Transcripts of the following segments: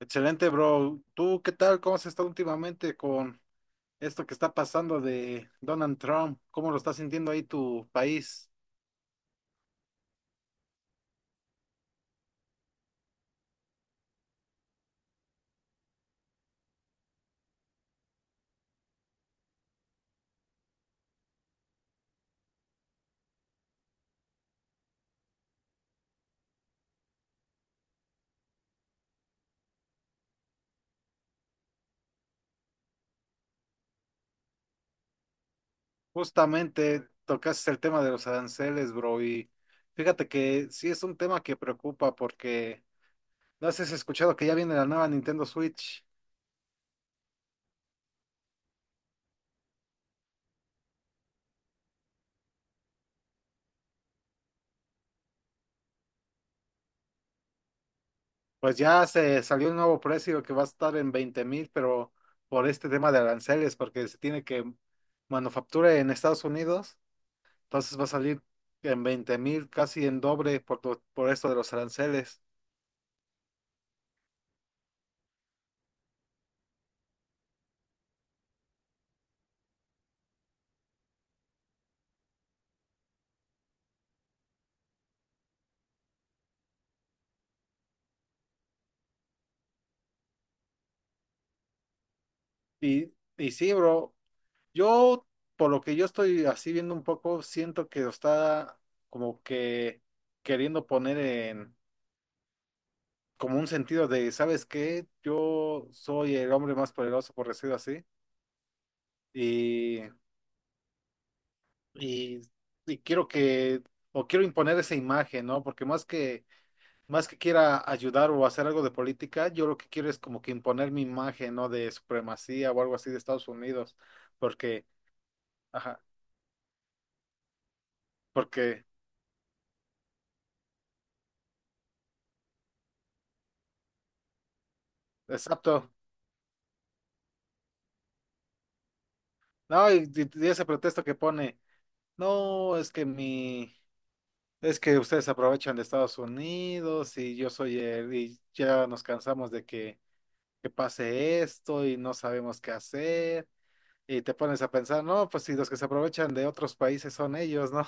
Excelente, bro. ¿Tú qué tal? ¿Cómo has estado últimamente con esto que está pasando de Donald Trump? ¿Cómo lo está sintiendo ahí tu país? Justamente tocaste el tema de los aranceles, bro, y fíjate que sí es un tema que preocupa porque no sé si has escuchado que ya viene la nueva Nintendo Switch. Pues ya se salió un nuevo precio que va a estar en 20,000, pero por este tema de aranceles, porque se tiene que manufactura en Estados Unidos. Entonces va a salir en 20,000, casi en doble por, por esto de los aranceles. Y, y sí, bro, yo, por lo que yo estoy así viendo un poco, siento que lo está como que queriendo poner en como un sentido de, ¿sabes qué? Yo soy el hombre más poderoso, por decirlo así, y, y, y quiero que, o quiero imponer esa imagen, ¿no? Porque más que quiera ayudar o hacer algo de política, yo lo que quiero es como que imponer mi imagen, ¿no? De supremacía o algo así de Estados Unidos, porque, ajá, porque, exacto, no, y ese pretexto que pone, no, es que mi, es que ustedes aprovechan de Estados Unidos y yo soy el, y ya nos cansamos de que pase esto y no sabemos qué hacer. Y te pones a pensar, no, pues si los que se aprovechan de otros países son ellos, ¿no?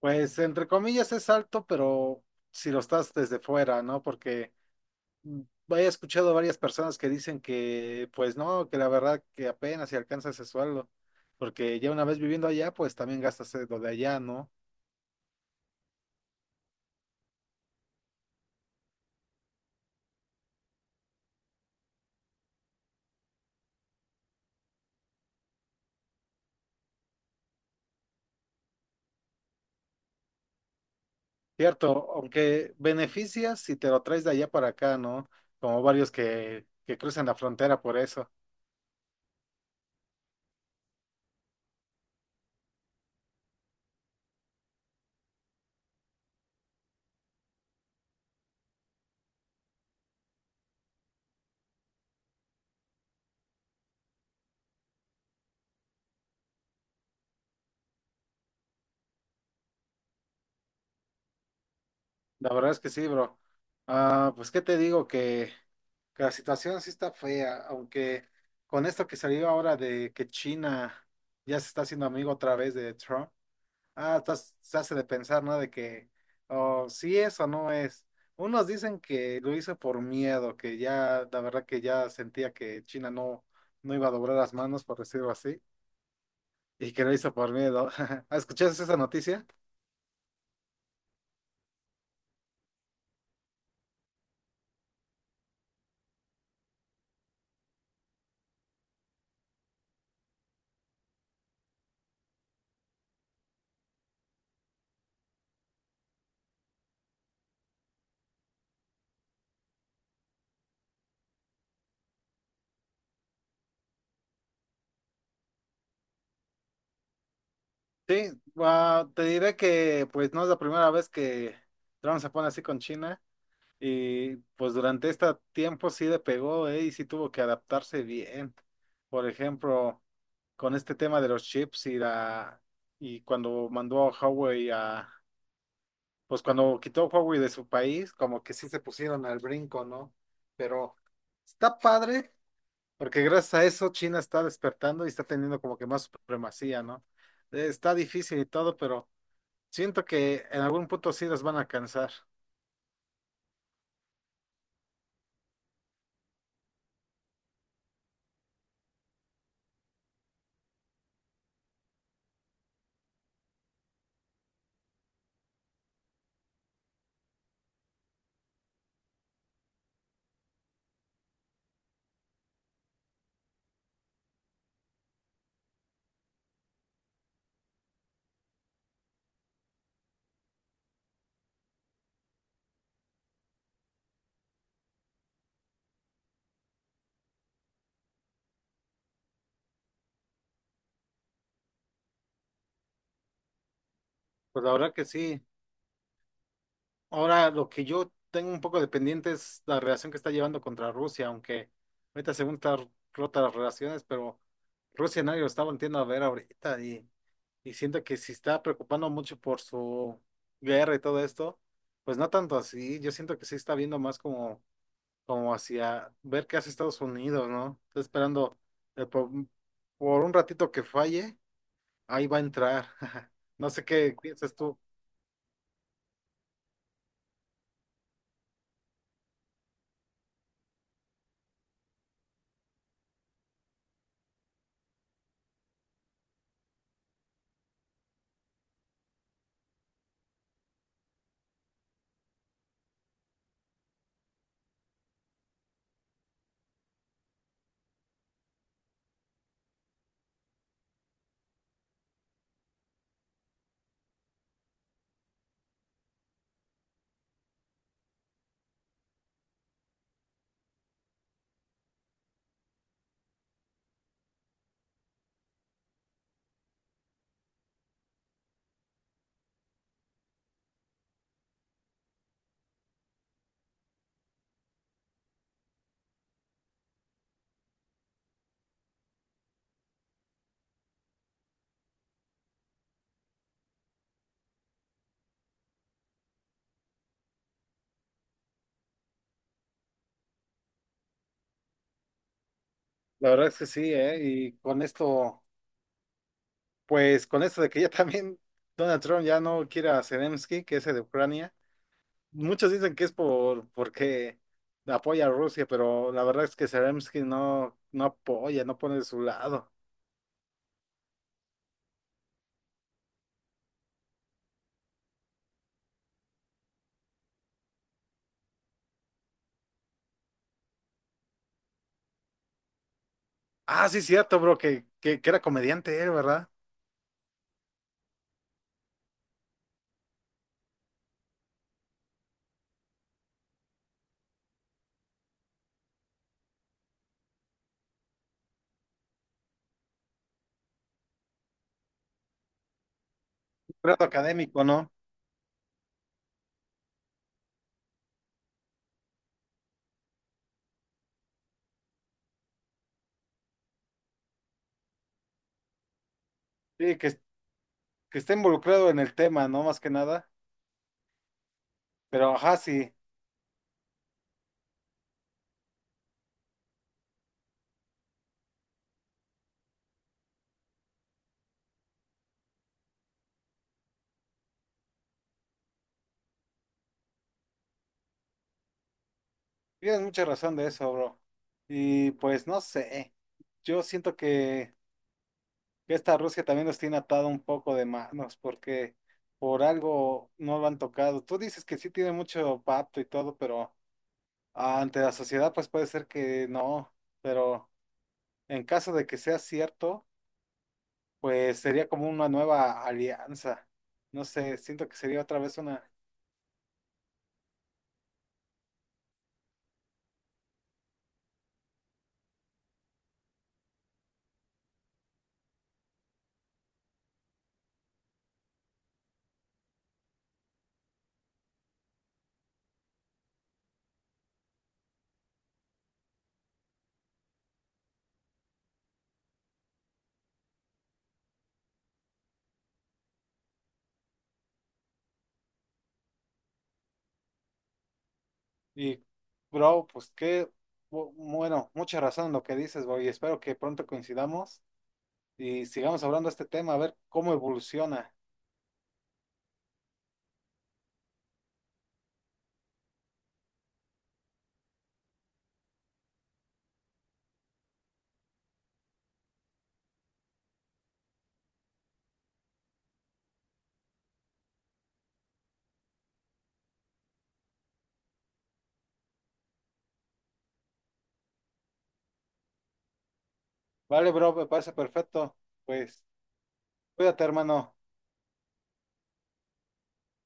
Pues entre comillas es alto, pero si lo estás desde fuera, ¿no? Porque mm, he escuchado varias personas que dicen que, pues no, que la verdad que apenas si alcanza ese sueldo, porque ya una vez viviendo allá, pues también gastas lo de allá, ¿no? Cierto, aunque beneficias si te lo traes de allá para acá, ¿no? Como varios que cruzan la frontera por eso. La verdad es que sí, bro. Ah, pues qué te digo que la situación sí está fea, aunque con esto que salió ahora de que China ya se está haciendo amigo otra vez de Trump, se hace de pensar, ¿no? De que, oh, sí es o no es. Unos dicen que lo hizo por miedo, que ya, la verdad que ya sentía que China no, no iba a doblar las manos, por decirlo así, y que lo hizo por miedo. ¿Escuchaste esa noticia? Sí, ah, te diré que pues no es la primera vez que Trump se pone así con China. Y pues durante este tiempo sí le pegó, ¿eh? Y sí tuvo que adaptarse bien. Por ejemplo, con este tema de los chips y cuando mandó a pues cuando quitó a Huawei de su país, como que sí se pusieron al brinco, ¿no? Pero está padre, porque gracias a eso China está despertando y está teniendo como que más supremacía, ¿no? Está difícil y todo, pero siento que en algún punto sí los van a cansar. Pues la verdad que sí. Ahora, lo que yo tengo un poco de pendiente es la relación que está llevando contra Rusia, aunque ahorita según está rota las relaciones, pero Rusia nadie lo está volviendo a ver ahorita y siento que si está preocupando mucho por su guerra y todo esto, pues no tanto así, yo siento que sí está viendo más como, como hacia ver qué hace Estados Unidos, ¿no? Está esperando eh, por, mm, por un ratito que falle, ahí va a entrar. No sé qué piensas tú. La verdad es que sí, ¿eh? Y con esto... Pues con esto de que ya también Donald Trump ya no quiere a Zelensky, que es el de Ucrania, muchos dicen que es porque apoya a Rusia, pero la verdad es que Zelensky no, no apoya, no pone de su lado. Ah, sí, cierto, bro, que era comediante él, ¿verdad? Grado académico, ¿no? Sí, que está involucrado en el tema, ¿no? Más que nada. Pero ajá, sí, tienes mucha razón de eso, bro. Y pues no sé, yo siento que esta Rusia también nos tiene atado un poco de manos, porque por algo no lo han tocado. Tú dices que sí tiene mucho pacto y todo, pero ante la sociedad pues puede ser que no, pero en caso de que sea cierto, pues sería como una nueva alianza. No sé, siento que sería otra vez una... Y, bro, pues qué... Bueno, mucha razón en lo que dices, bro, y espero que pronto coincidamos y sigamos hablando de este tema, a ver cómo evoluciona. Vale, bro, me parece perfecto. Pues cuídate, hermano.